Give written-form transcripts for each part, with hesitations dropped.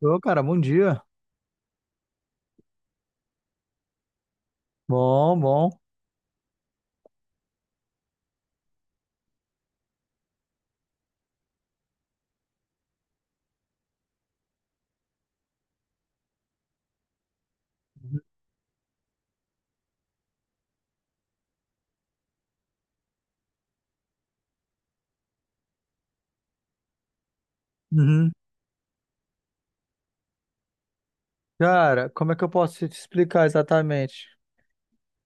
Ô, cara, bom dia. Bom, bom. Uhum. Cara, como é que eu posso te explicar exatamente?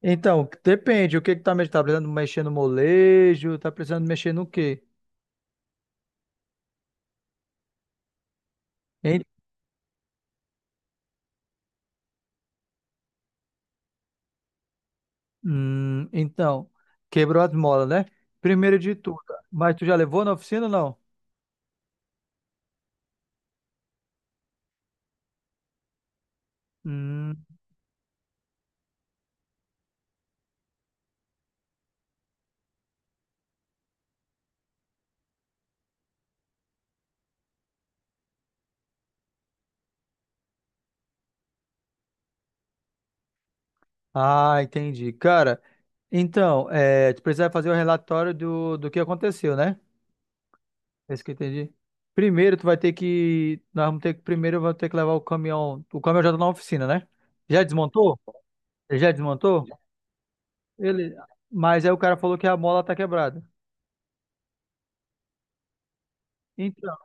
Então, depende. O que que tá mexendo? Tá precisando mexer no molejo? Tá precisando mexer no quê? Hein? Então, quebrou as molas, né? Primeiro de tudo. Mas tu já levou na oficina ou não? Hum. Ah, entendi. Cara, então, tu precisa fazer o relatório do que aconteceu, né? É isso que eu entendi. Primeiro, tu vai ter que. Nós vamos ter que. Primeiro, eu vou ter que levar o caminhão. O caminhão já tá na oficina, né? Já desmontou? Ele já desmontou? Ele. Mas aí o cara falou que a mola tá quebrada. Então.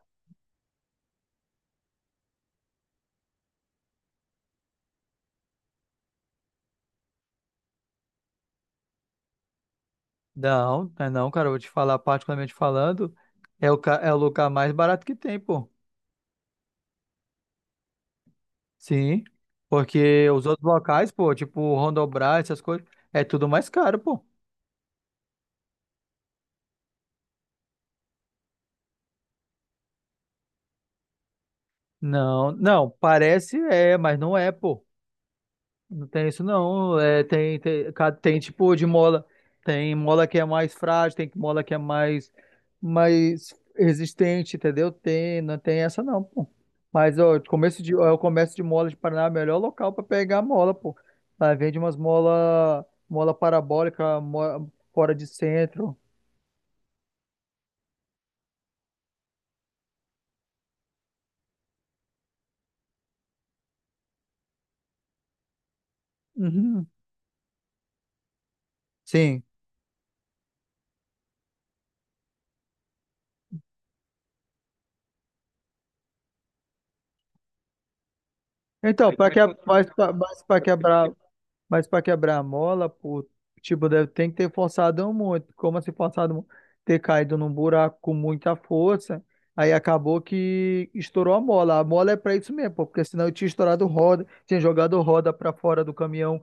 Não, não, é não, cara. Eu vou te falar, particularmente falando, é o lugar mais barato que tem, pô. Sim. Porque os outros locais, pô, tipo Rondobras, essas coisas, é tudo mais caro, pô. Não, não. Parece é, mas não é, pô. Não tem isso não. É, tem tipo de mola. Tem mola que é mais frágil, tem mola que é mais resistente, entendeu? Não tem essa não, pô. Mas ó, o comércio de mola de Paraná é o melhor local para pegar mola, pô. Lá vende umas mola, mola parabólica, fora de centro. Uhum. Sim. Então, para que, mas, pra- mas para quebrar. Mas para quebrar a mola, pô, tipo, deve, tem que ter forçado muito. Como assim forçado muito? Ter caído num buraco com muita força. Aí acabou que estourou a mola. A mola é para isso mesmo, pô, porque senão eu tinha estourado roda, tinha jogado roda para fora do caminhão.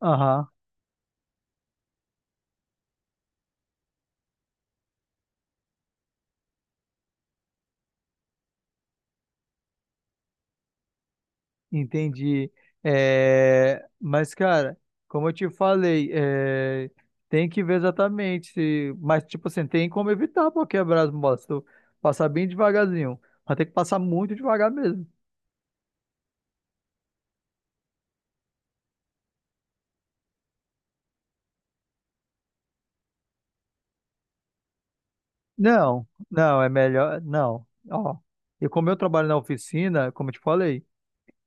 Aham, entendi. É, mas, cara, como eu te falei, tem que ver exatamente se. Mas, tipo assim, tem como evitar para quebrar as molas. Se tu passar bem devagarzinho. Vai ter que passar muito devagar mesmo. Não, não, é melhor. Não. Ó, e como eu trabalho na oficina, como eu te falei,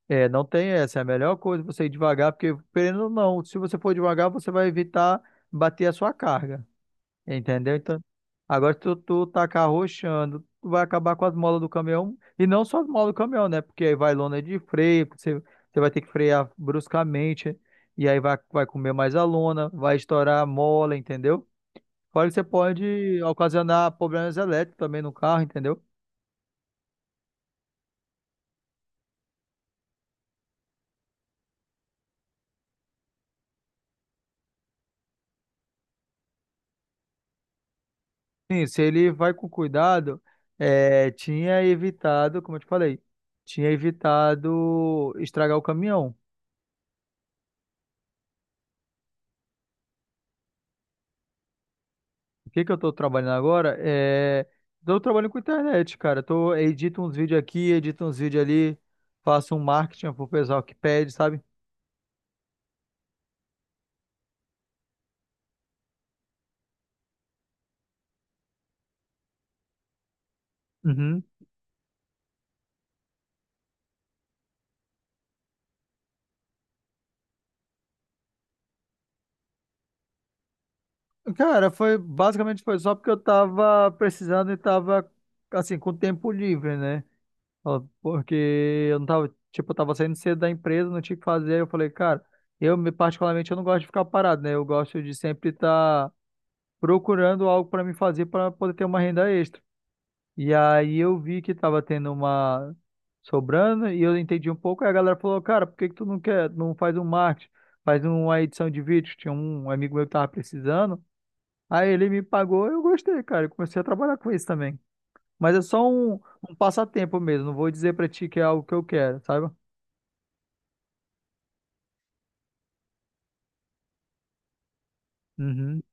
não tem essa. É a melhor coisa você ir devagar, porque, querendo ou não, se você for devagar, você vai evitar bater a sua carga. Entendeu? Então, agora se tu tá carrochando, tu vai acabar com as molas do caminhão. E não só as molas do caminhão, né? Porque aí vai lona de freio, você vai ter que frear bruscamente, e aí vai comer mais a lona, vai estourar a mola, entendeu? Fora que você pode ocasionar problemas elétricos também no carro, entendeu? Sim, se ele vai com cuidado, tinha evitado, como eu te falei, tinha evitado estragar o caminhão. O que que eu tô trabalhando agora? Tô trabalhando com internet, cara. Edito uns vídeos aqui, edito uns vídeos ali, faço um marketing pro pessoal que pede, sabe? Uhum. Cara, foi basicamente foi só porque eu tava precisando e tava assim com tempo livre, né? Ó, porque eu não tava, tipo, eu tava saindo cedo da empresa, não tinha o que fazer. Eu falei, cara, particularmente eu não gosto de ficar parado, né? Eu gosto de sempre estar procurando algo para me fazer para poder ter uma renda extra. E aí eu vi que tava tendo uma sobrando e eu entendi um pouco. Aí a galera falou, cara, por que que tu não quer, não faz um marketing, faz uma edição de vídeo? Tinha um amigo meu que tava precisando. Aí ele me pagou, eu gostei, cara. Eu comecei a trabalhar com isso também. Mas é só um passatempo mesmo. Não vou dizer pra ti que é algo que eu quero, sabe? Uhum,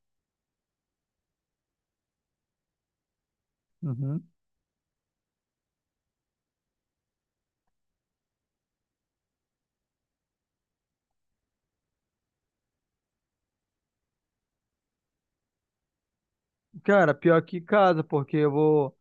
uhum. Cara, pior que casa, porque eu vou.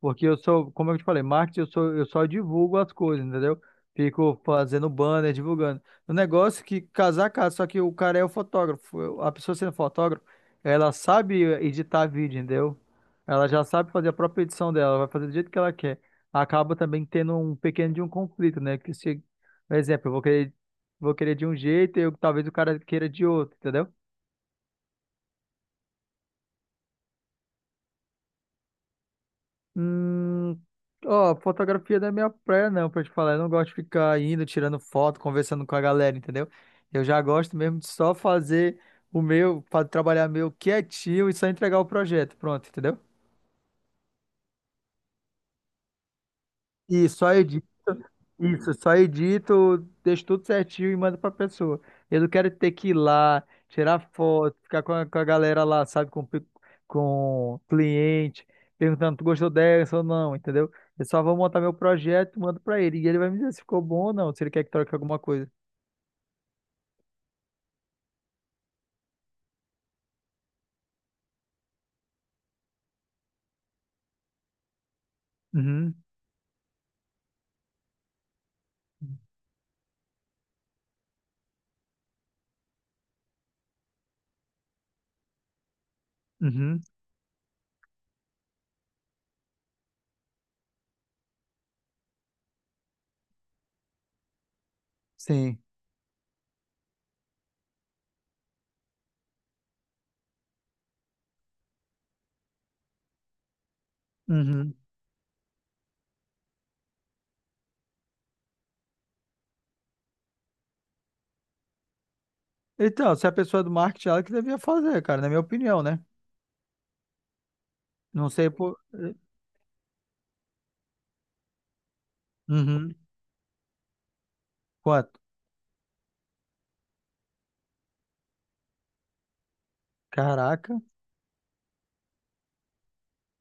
Porque eu sou, como eu te falei, marketing, eu só divulgo as coisas, entendeu? Fico fazendo banner, divulgando. O negócio é que casar casa, só que o cara é o fotógrafo. A pessoa sendo fotógrafo, ela sabe editar vídeo, entendeu? Ela já sabe fazer a própria edição dela, ela vai fazer do jeito que ela quer. Acaba também tendo um pequeno de um conflito, né? Que se, por exemplo, vou querer de um jeito talvez o cara queira de outro, entendeu? Hum, ó, fotografia não é minha praia, não, pra te falar. Eu não gosto de ficar indo, tirando foto, conversando com a galera, entendeu? Eu já gosto mesmo de só fazer o meu, trabalhar meu quietinho e só entregar o projeto. Pronto, entendeu? E só edito, isso, só edito, deixo tudo certinho e mando pra pessoa. Eu não quero ter que ir lá, tirar foto, ficar com a galera lá, sabe, com cliente, perguntando, tu gostou dessa ou não, entendeu? Eu só vou montar meu projeto, mando pra ele, e ele vai me dizer se ficou bom ou não, se ele quer que troque alguma coisa. Uhum, uhum, sim. Uhum. Então, se a pessoa é do marketing, ela que devia fazer, cara, na minha opinião, né? Não sei por. Uhum. Quanto? Caraca.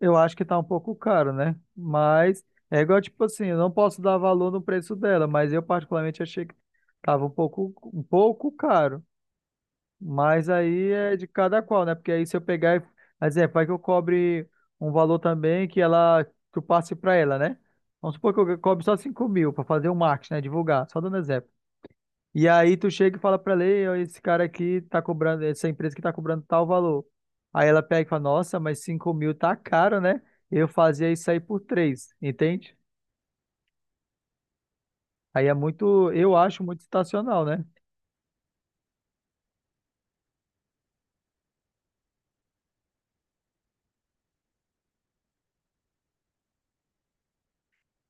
Eu acho que tá um pouco caro, né? Mas é igual, tipo assim, eu não posso dar valor no preço dela, mas eu particularmente achei que tava um pouco caro. Mas aí é de cada qual, né? Porque aí se eu pegar, por exemplo, vai que eu cobre um valor também que ela, que eu passe pra ela, né? Vamos supor que eu cobre só 5.000 pra fazer o marketing, né? Divulgar, só dando exemplo. E aí tu chega e fala pra ela: "Ei, ó, esse cara aqui tá cobrando, essa empresa que tá cobrando tal valor." Aí ela pega e fala, nossa, mas 5.000 tá caro, né? Eu fazia isso aí por três, entende? Aí é muito, eu acho muito estacional, né?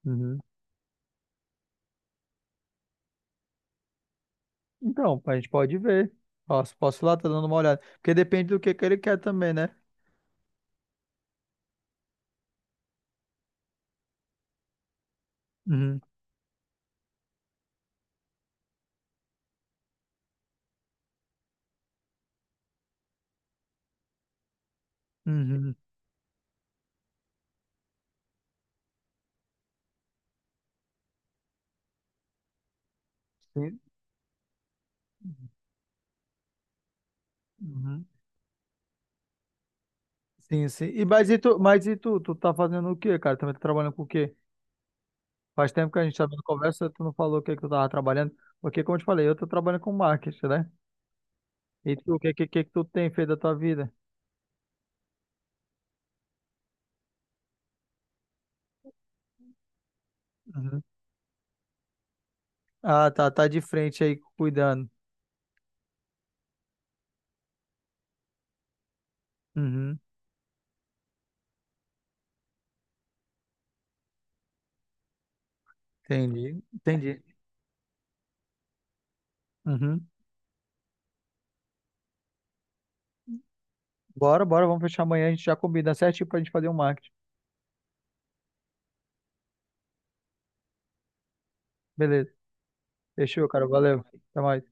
Uhum. Então, a gente pode ver. Posso ir lá, tá dando uma olhada. Porque depende do que ele quer também, né? Uhum. Uhum. Sim. Uhum. Sim, sim. Tu tá fazendo o quê, cara? Também tá trabalhando com o quê? Faz tempo que a gente tá dando conversa, tu não falou o que que tu tava trabalhando, porque como eu te falei, eu tô trabalhando com marketing, né? E tu, que que tu tem feito da tua vida? Uhum. Ah, tá, tá de frente aí, cuidando. Uhum. Entendi, entendi. Uhum. Bora, bora, vamos fechar amanhã, a gente já combina certinho pra gente fazer um marketing. Beleza, fechou, cara, valeu. Até mais.